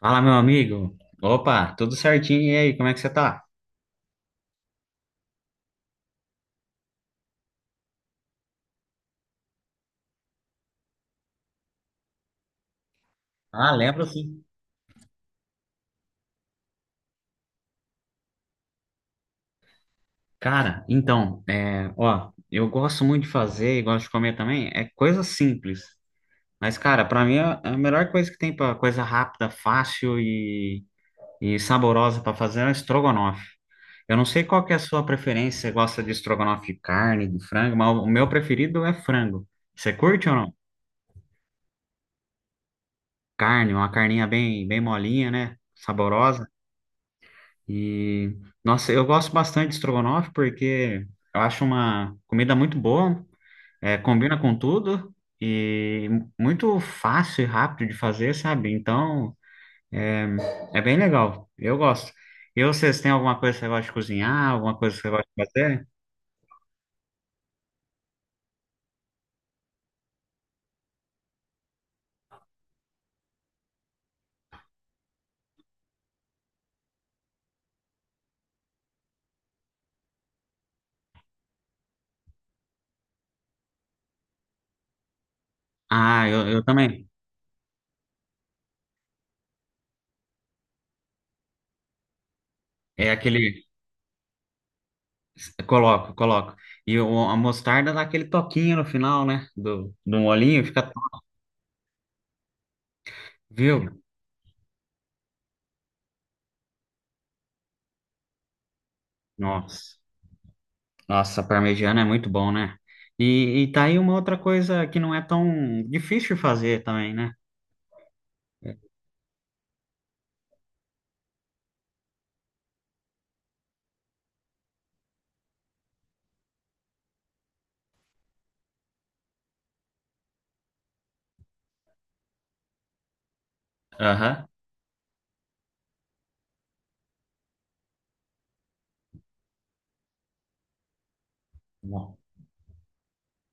Fala, meu amigo. Opa, tudo certinho? E aí, como é que você tá? Ah, lembro sim. Cara, então, ó, eu gosto muito de fazer e gosto de comer também, é coisa simples. Mas, cara, pra mim a melhor coisa que tem pra coisa rápida, fácil e saborosa pra fazer é o estrogonofe. Eu não sei qual que é a sua preferência, você gosta de estrogonofe de carne, de frango, mas o meu preferido é frango. Você curte ou não? Carne, uma carninha bem, bem molinha, né? Saborosa. E, nossa, eu gosto bastante de estrogonofe porque eu acho uma comida muito boa, combina com tudo e muito fácil e rápido de fazer, sabe? Então, é, é bem legal. Eu gosto. E vocês têm alguma coisa que você gosta de cozinhar, alguma coisa que você gosta de fazer? Ah, eu também. É aquele. Coloco, coloco. E a mostarda dá aquele toquinho no final, né? Do molhinho, fica top. Viu? Nossa. Nossa, parmegiana é muito bom, né? E tá aí uma outra coisa que não é tão difícil de fazer também, né? Aham. Bom.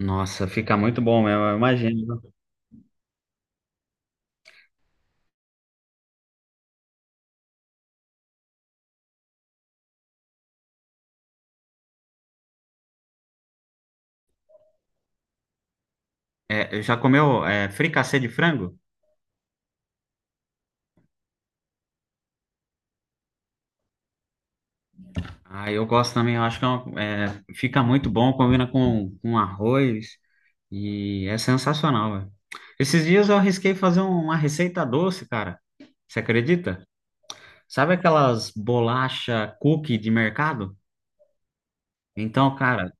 Nossa, fica muito bom mesmo, eu imagino. Já comeu fricassê de frango? Ah, eu gosto também, eu acho que é fica muito bom, combina com arroz e é sensacional, velho. Esses dias eu arrisquei fazer uma receita doce, cara. Você acredita? Sabe aquelas bolacha cookie de mercado? Então, cara,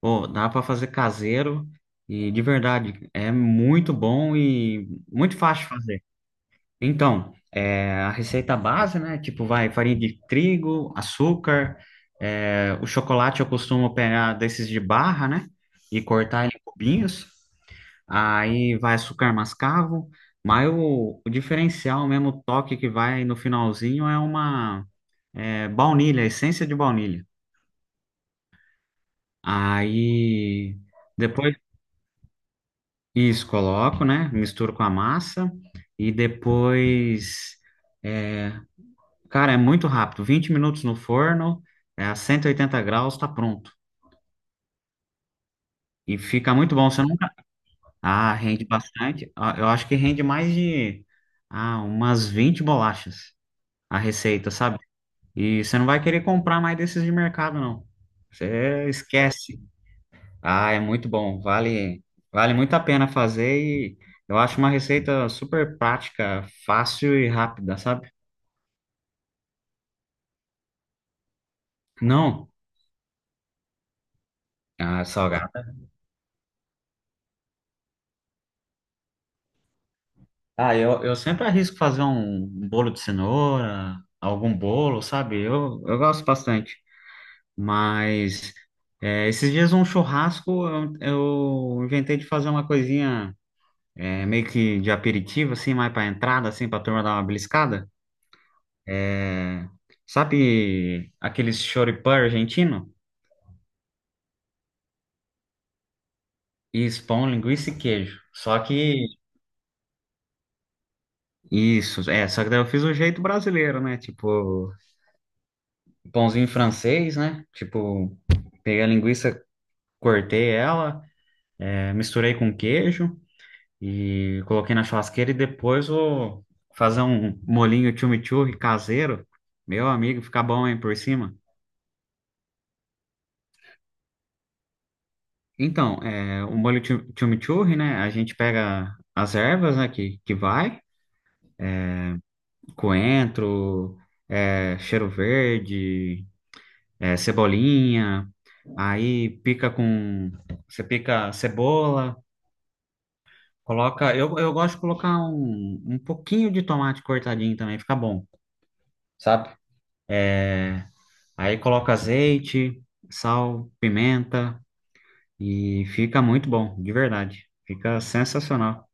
pô, dá para fazer caseiro e de verdade é muito bom e muito fácil de fazer. Então, a receita base, né? Tipo, vai farinha de trigo, açúcar, o chocolate eu costumo pegar desses de barra, né? E cortar em cubinhos. Aí vai açúcar mascavo. Mas o diferencial mesmo, o toque que vai no finalzinho é uma é, baunilha, essência de baunilha. Aí. Depois isso, coloco, né? Misturo com a massa e depois, é, cara, é muito rápido. 20 minutos no forno, a 180 graus, tá pronto. E fica muito bom. Você nunca. Ah, rende bastante. Ah, eu acho que rende mais de umas 20 bolachas a receita, sabe? E você não vai querer comprar mais desses de mercado, não. Você esquece. Ah, é muito bom. Vale, vale muito a pena fazer e eu acho uma receita super prática, fácil e rápida, sabe? Não, salgado. Ah, eu sempre arrisco fazer um bolo de cenoura, algum bolo, sabe? Eu gosto bastante. Mas esses dias um churrasco eu inventei de fazer uma coisinha meio que de aperitivo, assim, mais para entrada, assim, para turma dar uma beliscada. É, sabe aqueles choripã argentino? Isso, pão, linguiça e queijo. Só que daí eu fiz o jeito brasileiro, né? Tipo, pãozinho francês, né? Tipo, peguei a linguiça, cortei ela, misturei com queijo e coloquei na churrasqueira e depois vou fazer um molinho chimichurri caseiro. Meu amigo, fica bom, hein, por cima. Então, o molho chimichurri, né? A gente pega as ervas, né, que vai. Coentro, cheiro verde, cebolinha. Aí pica com. Você pica cebola, coloca. Eu gosto de colocar um pouquinho de tomate cortadinho também, fica bom, sabe? Aí coloca azeite, sal, pimenta e fica muito bom, de verdade. Fica sensacional.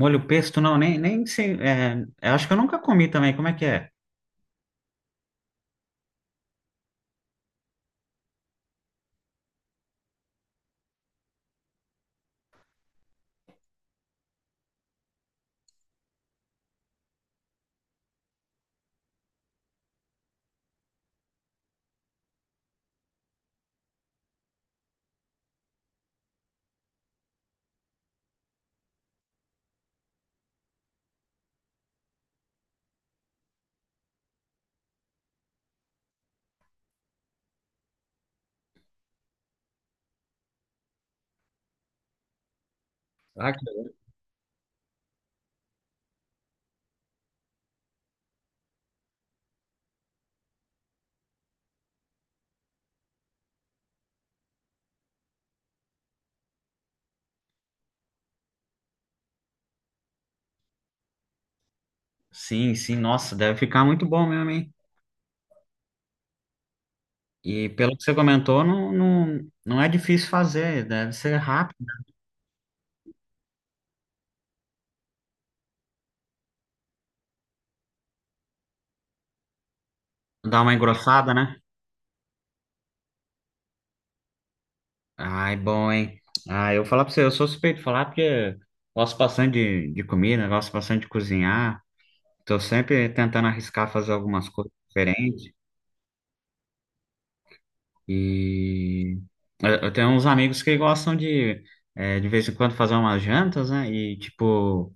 Molho pesto, não, nem sei. Eu acho que eu nunca comi também. Como é que é? Ah, que- Sim, sim, nossa, deve ficar muito bom mesmo, hein? E pelo que você comentou, não, não, não é difícil fazer, deve ser rápido. Dar uma engrossada, né? Ai, bom, hein? Ah, eu vou falar pra você, eu sou suspeito de falar porque gosto bastante de comida, gosto bastante de cozinhar. Tô sempre tentando arriscar fazer algumas coisas diferentes. E eu tenho uns amigos que gostam de vez em quando, fazer umas jantas, né? E, tipo,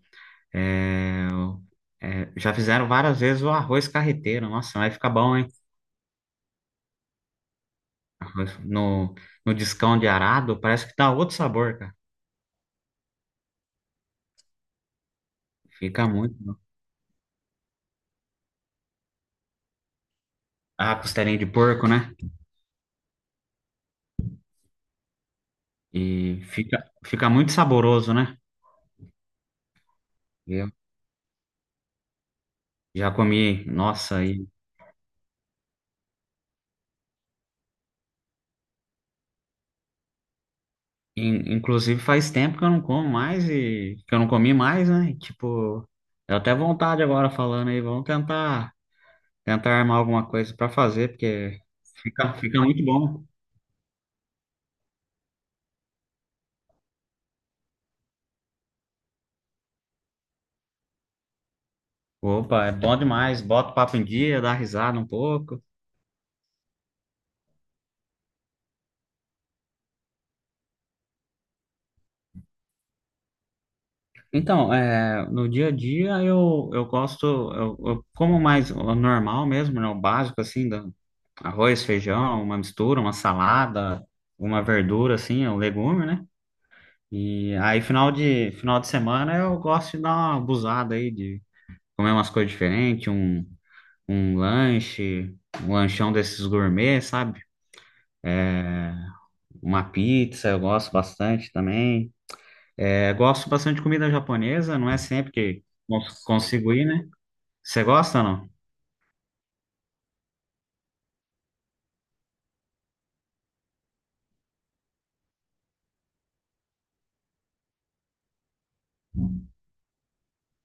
já fizeram várias vezes o arroz carreteiro. Nossa, vai ficar bom, hein? No, no discão de arado, parece que dá outro sabor, cara. Fica muito bom. Ah, costelinha de porco, né? E fica muito saboroso, né? Eu já comi, nossa, e, inclusive faz tempo que eu não como mais e que eu não comi mais, né? E, tipo, deu até vontade agora falando aí, vamos tentar armar alguma coisa pra fazer, porque fica muito bom. Opa, é bom demais, bota o papo em dia, dá risada um pouco. Então, no dia a dia eu gosto, eu como mais o normal mesmo, né, o básico assim, arroz, feijão, uma mistura, uma salada, uma verdura assim, um legume, né? E aí final de semana eu gosto de dar uma abusada aí de comer umas coisas diferentes, um, lanche, um lanchão desses gourmet, sabe? Uma pizza, eu gosto bastante também. É, gosto bastante de comida japonesa, não é sempre que consigo ir, né? Você gosta ou não?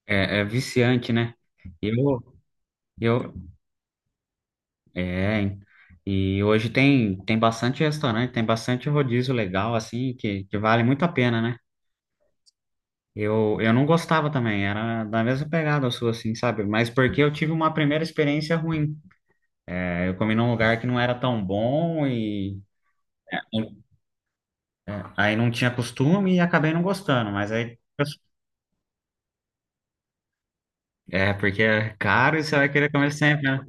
É, é viciante, né? Eu, eu, é. E hoje tem, bastante restaurante, tem bastante rodízio legal, assim, que vale muito a pena, né? Eu não gostava também, era da mesma pegada sua, assim, sabe? Mas porque eu tive uma primeira experiência ruim. É, eu comi num lugar que não era tão bom e aí não tinha costume e acabei não gostando, mas aí. É, porque é caro e você vai querer comer sempre, né?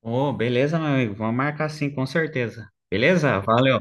Ô, beleza, meu amigo, vamos marcar sim, com certeza. Beleza? Valeu.